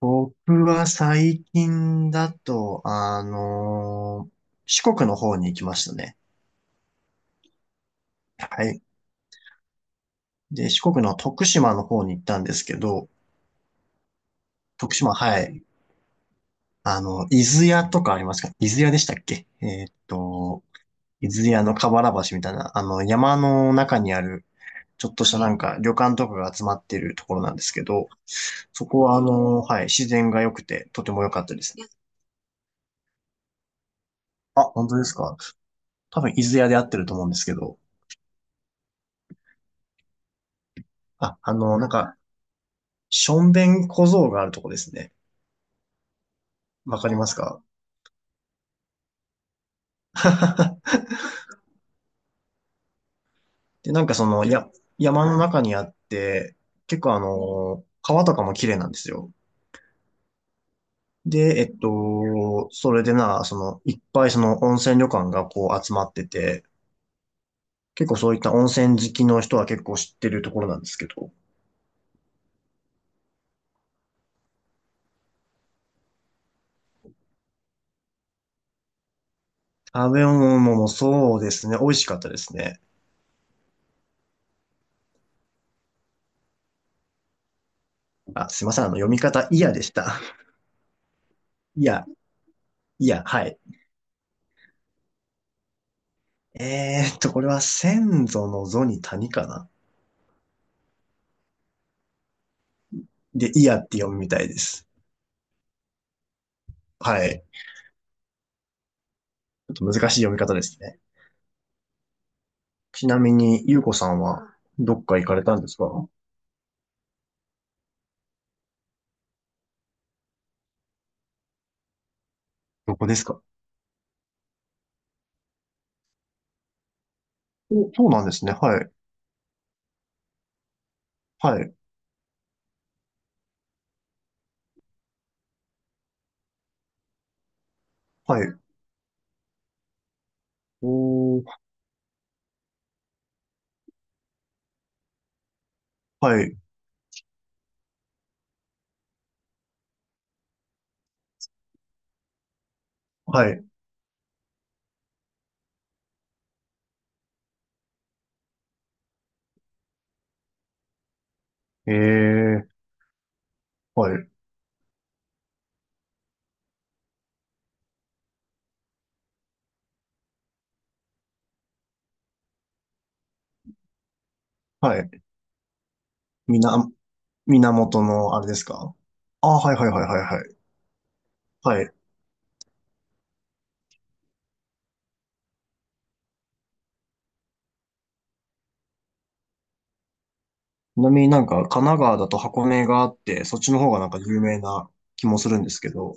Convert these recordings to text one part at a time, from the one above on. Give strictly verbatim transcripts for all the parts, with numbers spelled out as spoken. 僕は最近だと、あのー四国の方に行きましたね。はい。で、四国の徳島の方に行ったんですけど、徳島、はい。あの、伊豆屋とかありますか？伊豆屋でしたっけ？えーっと、伊豆屋の河原橋みたいな、あの、山の中にある、ちょっとしたなんか旅館とかが集まってるところなんですけど、そこはあのーはい、自然が良くて、とても良かったですね。あ、本当ですか？多分伊豆屋で合ってると思うんですけど、あ、あの、なんか、しょんべん小僧があるとこですね。わかりますか？ で、なんかその、や、山の中にあって、結構あの、川とかも綺麗なんですよ。で、えっと、それでな、その、いっぱいその温泉旅館がこう集まってて、結構そういった温泉好きの人は結構知ってるところなんですけど、食べ物もそうですね、美味しかったですね。あ、すいません、あの、読み方、いやでした。いや、いや、はい。えーっと、これは先祖の祖に谷かな。で、イヤって読むみたいです。はい。ちょっと難しい読み方ですね。ちなみに、ゆうこさんはどっか行かれたんですか？どこですか？お、そうなんですね。はい。はい。はい。おー、はい。はい。えー、はい。はい。みな、源のあれですか？あ、はいはいはいはいはい。はい。ちなみになんか神奈川だと箱根があって、そっちの方がなんか有名な気もするんですけど、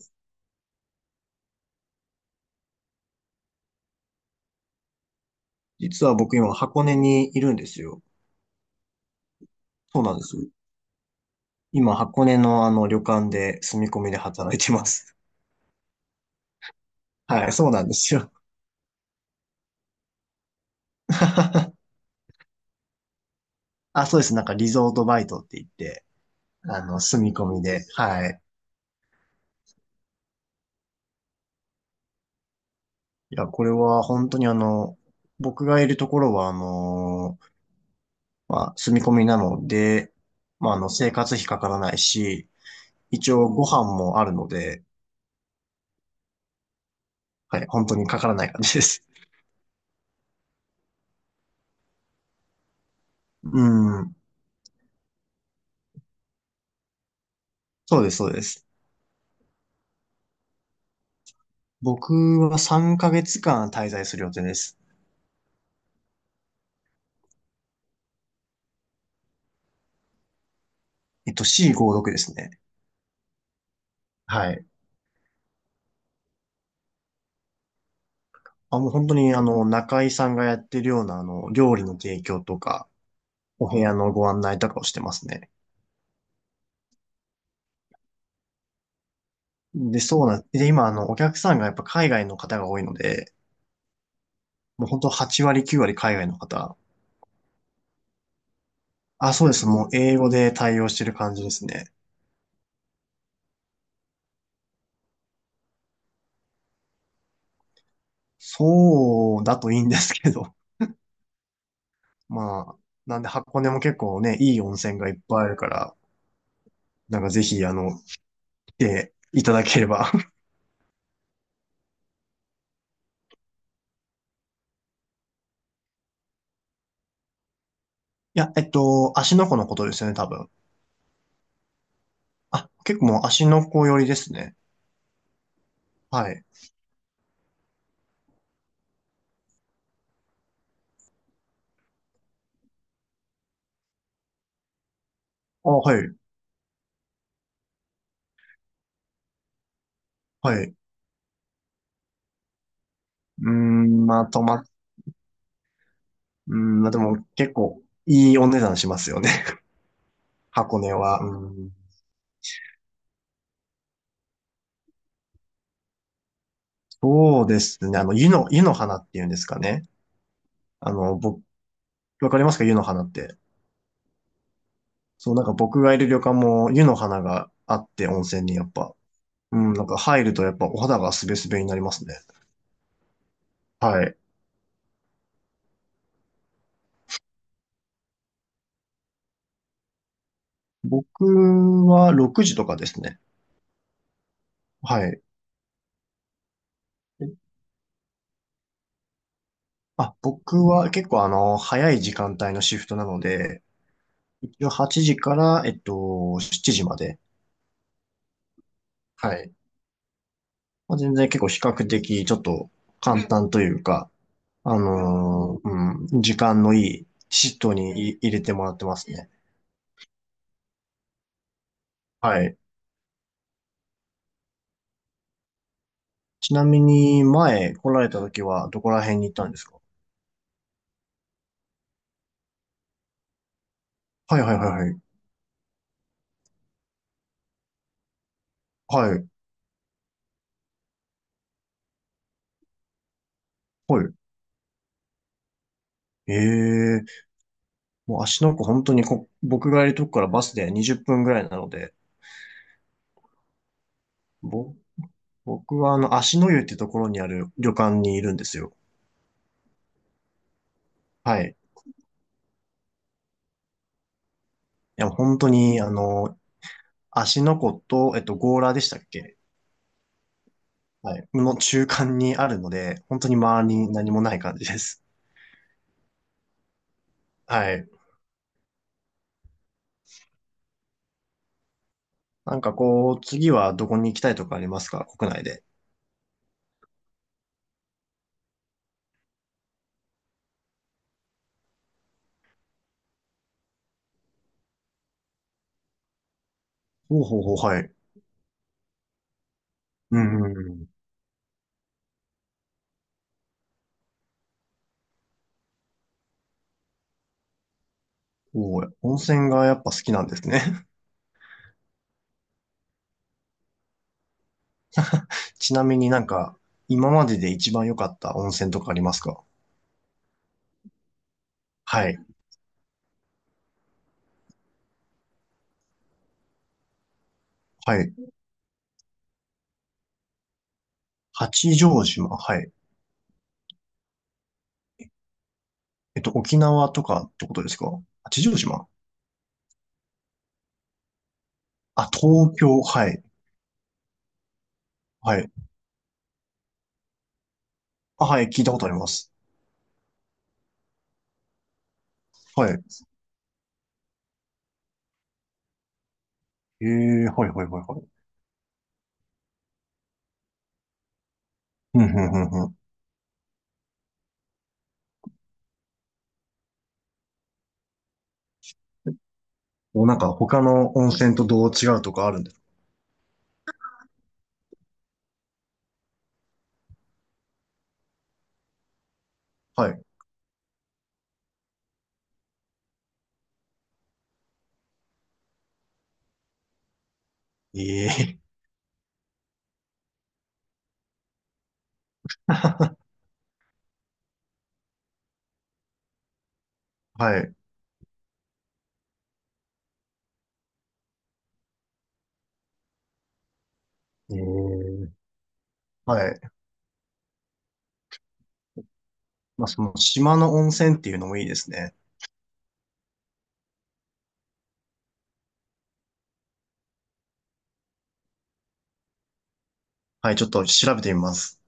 実は僕今箱根にいるんですよ。そうなんですよ。今、箱根のあの旅館で住み込みで働いてます。はい、そうなんですよ。あ、そうです。なんかリゾートバイトって言って、あの、住み込みで。はい。いや、これは本当にあの、僕がいるところはあの、まあ、住み込みなので、まあ、あの、生活費かからないし、一応ご飯もあるので、はい、本当にかからない感じです。うん。そうです、そうです。僕はさんかげつかん滞在する予定です。えっと、シーごじゅうろく ですね。はい。あ、もう本当にあの、中井さんがやってるようなあの、料理の提供とか、お部屋のご案内とかをしてますね。で、そうなん、で、今あの、お客さんがやっぱ海外の方が多いので、もう本当はちわり割、きゅうわり割海外の方。あ、そうです。もう英語で対応してる感じですね。そうだといいんですけど。まあ、なんで箱根も結構ね、いい温泉がいっぱいあるから、なんかぜひあの、来ていただければ。いや、えっと、芦ノ湖のことですよね、多分。あ、結構もう芦ノ湖寄りですね。はい。あ、はい、はい。うーん、まあとま、うーん、まあ、でも結構いいお値段しますよね。箱根は。うーん、そうですね。あの、湯の、湯の花っていうんですかね。あの、僕、わかりますか？湯の花って。そう、なんか僕がいる旅館も湯の花があって温泉にやっぱ。うん、なんか入るとやっぱお肌がすべすべになりますね。はい。僕はろくじとかですね。はい。あ、僕は結構あの、早い時間帯のシフトなので、一応はちじから、えっと、しちじまで。はい。まあ、全然結構比較的ちょっと簡単というか、あのーうん、時間のいいシットにい入れてもらってますね。はい。ちなみに前来られた時はどこら辺に行ったんですか？はいはいはいはい。はい。はい。ええ、もう足の子本当にこ、僕がいるとこからバスでにじゅっぷんぐらいなので、ぼ、僕はあの足の湯ってところにある旅館にいるんですよ。はい。いや、本当に、あのー芦ノ湖と、えっと、強羅でしたっけ？はい。の中間にあるので、本当に周りに何もない感じです。はい。なんかこう、次はどこに行きたいとかありますか？国内で。ほうほうほう、はい。うんうんうん。おー、温泉がやっぱ好きなんですね。ちなみになんか、今までで一番良かった温泉とかありますか？はい。はい。八丈島、はい。えっと、沖縄とかってことですか？八丈島。あ、東京、はい。はい。あ、はい、聞いたことあります。はい。ええ、はいはいはいはい。うん、うん、うん、うん。もうなんか他の温泉とどう違うとかあるんですか？はい。ええ、はい。ええ、はい。まあ、その島の温泉っていうのもいいですね。はい、ちょっと調べてみます。